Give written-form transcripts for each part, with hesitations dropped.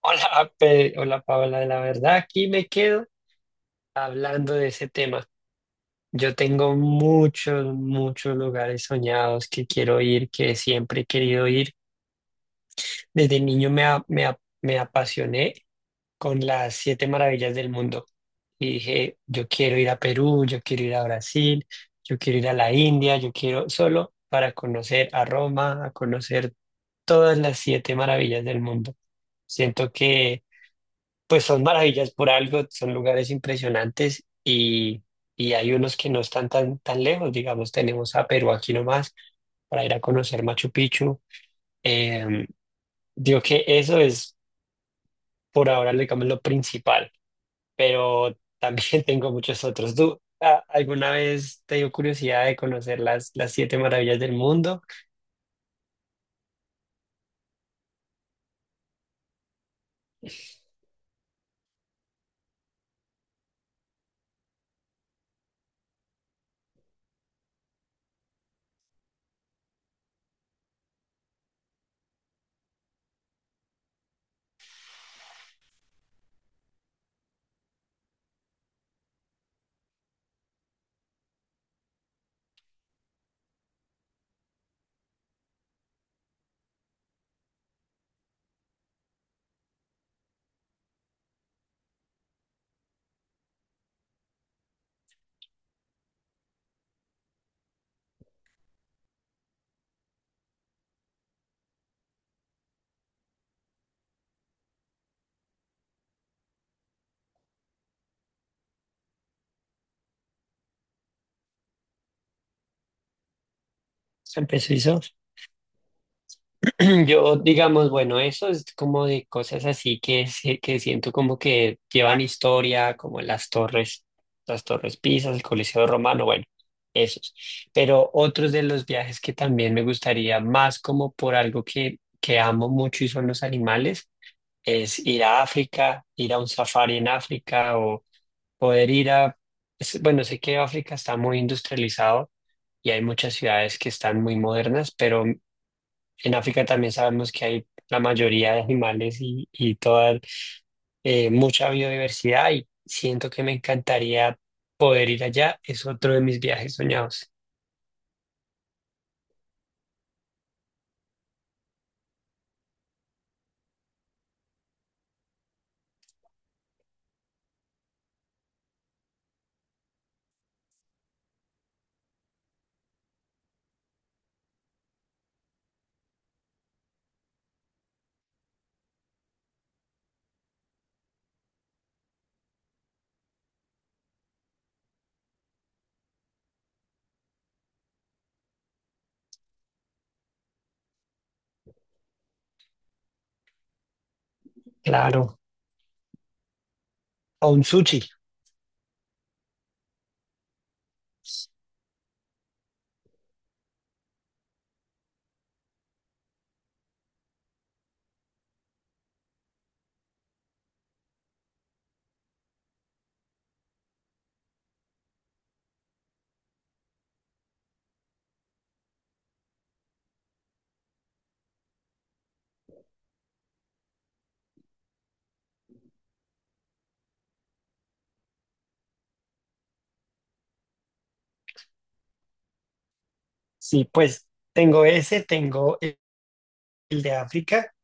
Hola, hola Paola, la verdad aquí me quedo hablando de ese tema. Yo tengo muchos, muchos lugares soñados que quiero ir, que siempre he querido ir. Desde niño me apasioné con las siete maravillas del mundo y dije, yo quiero ir a Perú, yo quiero ir a Brasil, yo quiero ir a la India, yo quiero solo para conocer a Roma, a conocer todas las siete maravillas del mundo. Siento que pues son maravillas por algo, son lugares impresionantes y hay unos que no están tan, tan lejos, digamos, tenemos a Perú aquí nomás para ir a conocer Machu Picchu. Eh, digo que eso es por ahora, digamos, lo principal, pero también tengo muchos otros. ¿Tú alguna vez te dio curiosidad de conocer las siete maravillas del mundo? ¿Empezó eso? Yo, digamos, bueno, eso es como de cosas así que, que siento como que llevan historia, como las torres Pisas, el Coliseo Romano, bueno, esos. Pero otros de los viajes que también me gustaría, más como por algo que amo mucho y son los animales, es ir a África, ir a un safari en África o poder ir a, bueno, sé que África está muy industrializado y hay muchas ciudades que están muy modernas, pero en África también sabemos que hay la mayoría de animales y toda mucha biodiversidad y siento que me encantaría poder ir allá. Es otro de mis viajes soñados. Claro, a un sushi. Sí, pues tengo ese, tengo el de África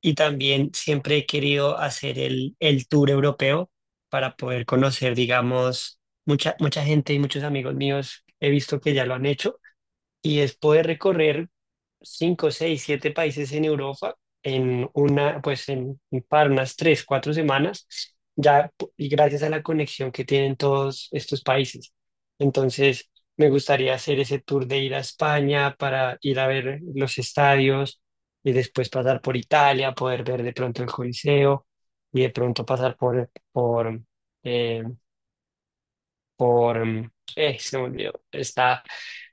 y también siempre he querido hacer el tour europeo para poder conocer, digamos, mucha, mucha gente y muchos amigos míos he visto que ya lo han hecho y es poder recorrer. Cinco, 6, 7 países en Europa en una, pues en, para unas 3, 4 semanas, y gracias a la conexión que tienen todos estos países. Entonces, me gustaría hacer ese tour de ir a España para ir a ver los estadios y después pasar por Italia, poder ver de pronto el Coliseo y de pronto pasar eh, por, mm, se me olvidó, está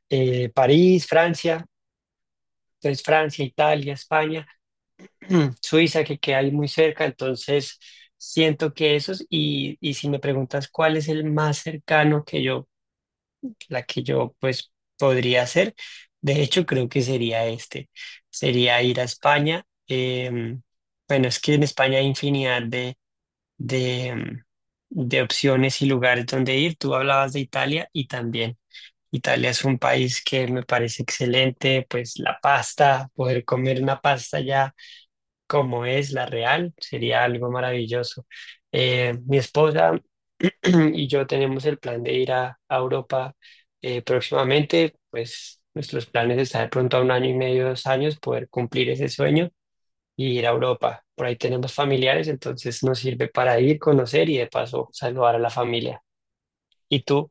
París, Francia, entonces Francia, Italia, España Suiza, que queda ahí muy cerca, entonces siento que esos, y si me preguntas cuál es el más cercano la que yo pues podría hacer, de hecho creo que sería este, sería ir a España, bueno, es que en España hay infinidad de, em, de opciones y lugares donde ir, tú hablabas de Italia y también. Italia es un país que me parece excelente, pues la pasta, poder comer una pasta ya como es la real, sería algo maravilloso. Mi esposa y yo tenemos el plan de ir a, Europa próximamente, pues nuestros planes están de pronto a un año y medio, 2 años, poder cumplir ese sueño y ir a Europa. Por ahí tenemos familiares, entonces nos sirve para ir, conocer y de paso saludar a la familia. ¿Y tú?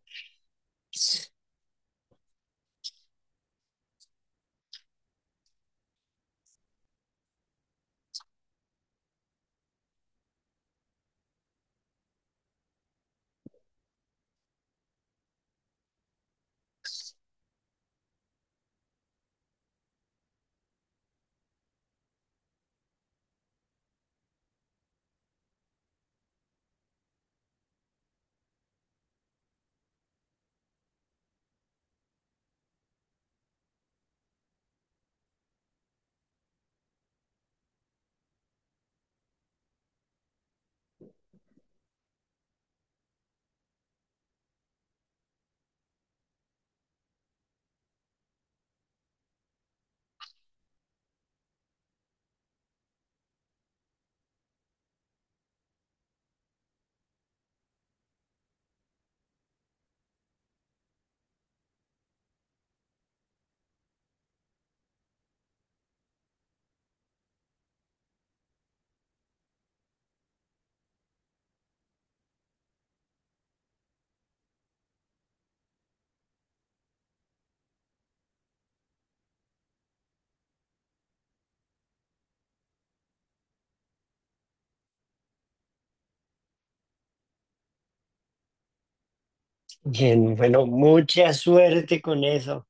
Bien, bueno, mucha suerte con eso.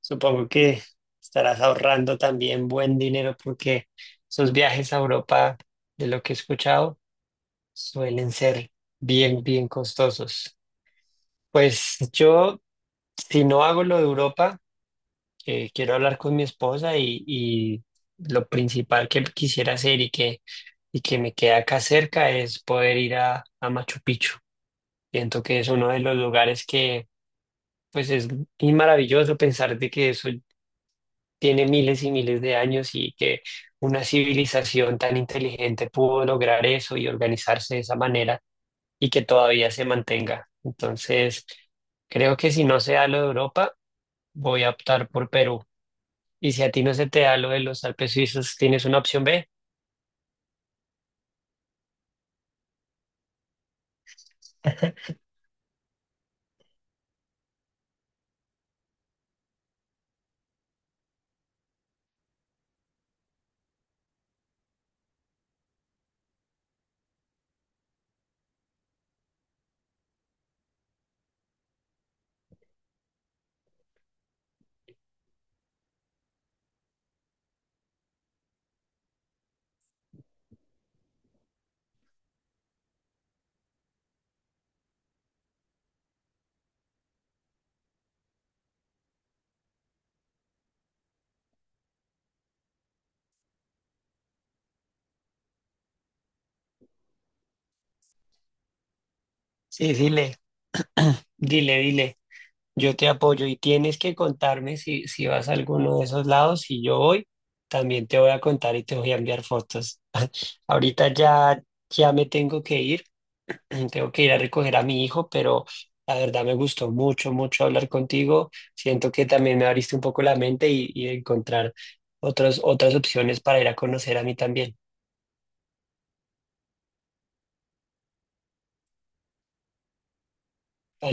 Supongo que estarás ahorrando también buen dinero porque esos viajes a Europa, de lo que he escuchado, suelen ser bien, bien costosos. Pues yo, si no hago lo de Europa, quiero hablar con mi esposa y lo principal que quisiera hacer y que me queda acá cerca es poder ir a Machu Picchu. Siento que es uno de los lugares que, pues es y maravilloso pensar de que eso tiene miles y miles de años y que una civilización tan inteligente pudo lograr eso y organizarse de esa manera y que todavía se mantenga. Entonces, creo que si no se da lo de Europa, voy a optar por Perú. Y si a ti no se te da lo de los Alpes suizos, ¿tienes una opción B? Sí, dile, dile, dile. Yo te apoyo y tienes que contarme si vas a alguno de esos lados. Si yo voy, también te voy a contar y te voy a enviar fotos. Ahorita ya, ya me tengo que ir. Tengo que ir a recoger a mi hijo, pero la verdad me gustó mucho, mucho hablar contigo. Siento que también me abriste un poco la mente y encontrar otras opciones para ir a conocer a mí también.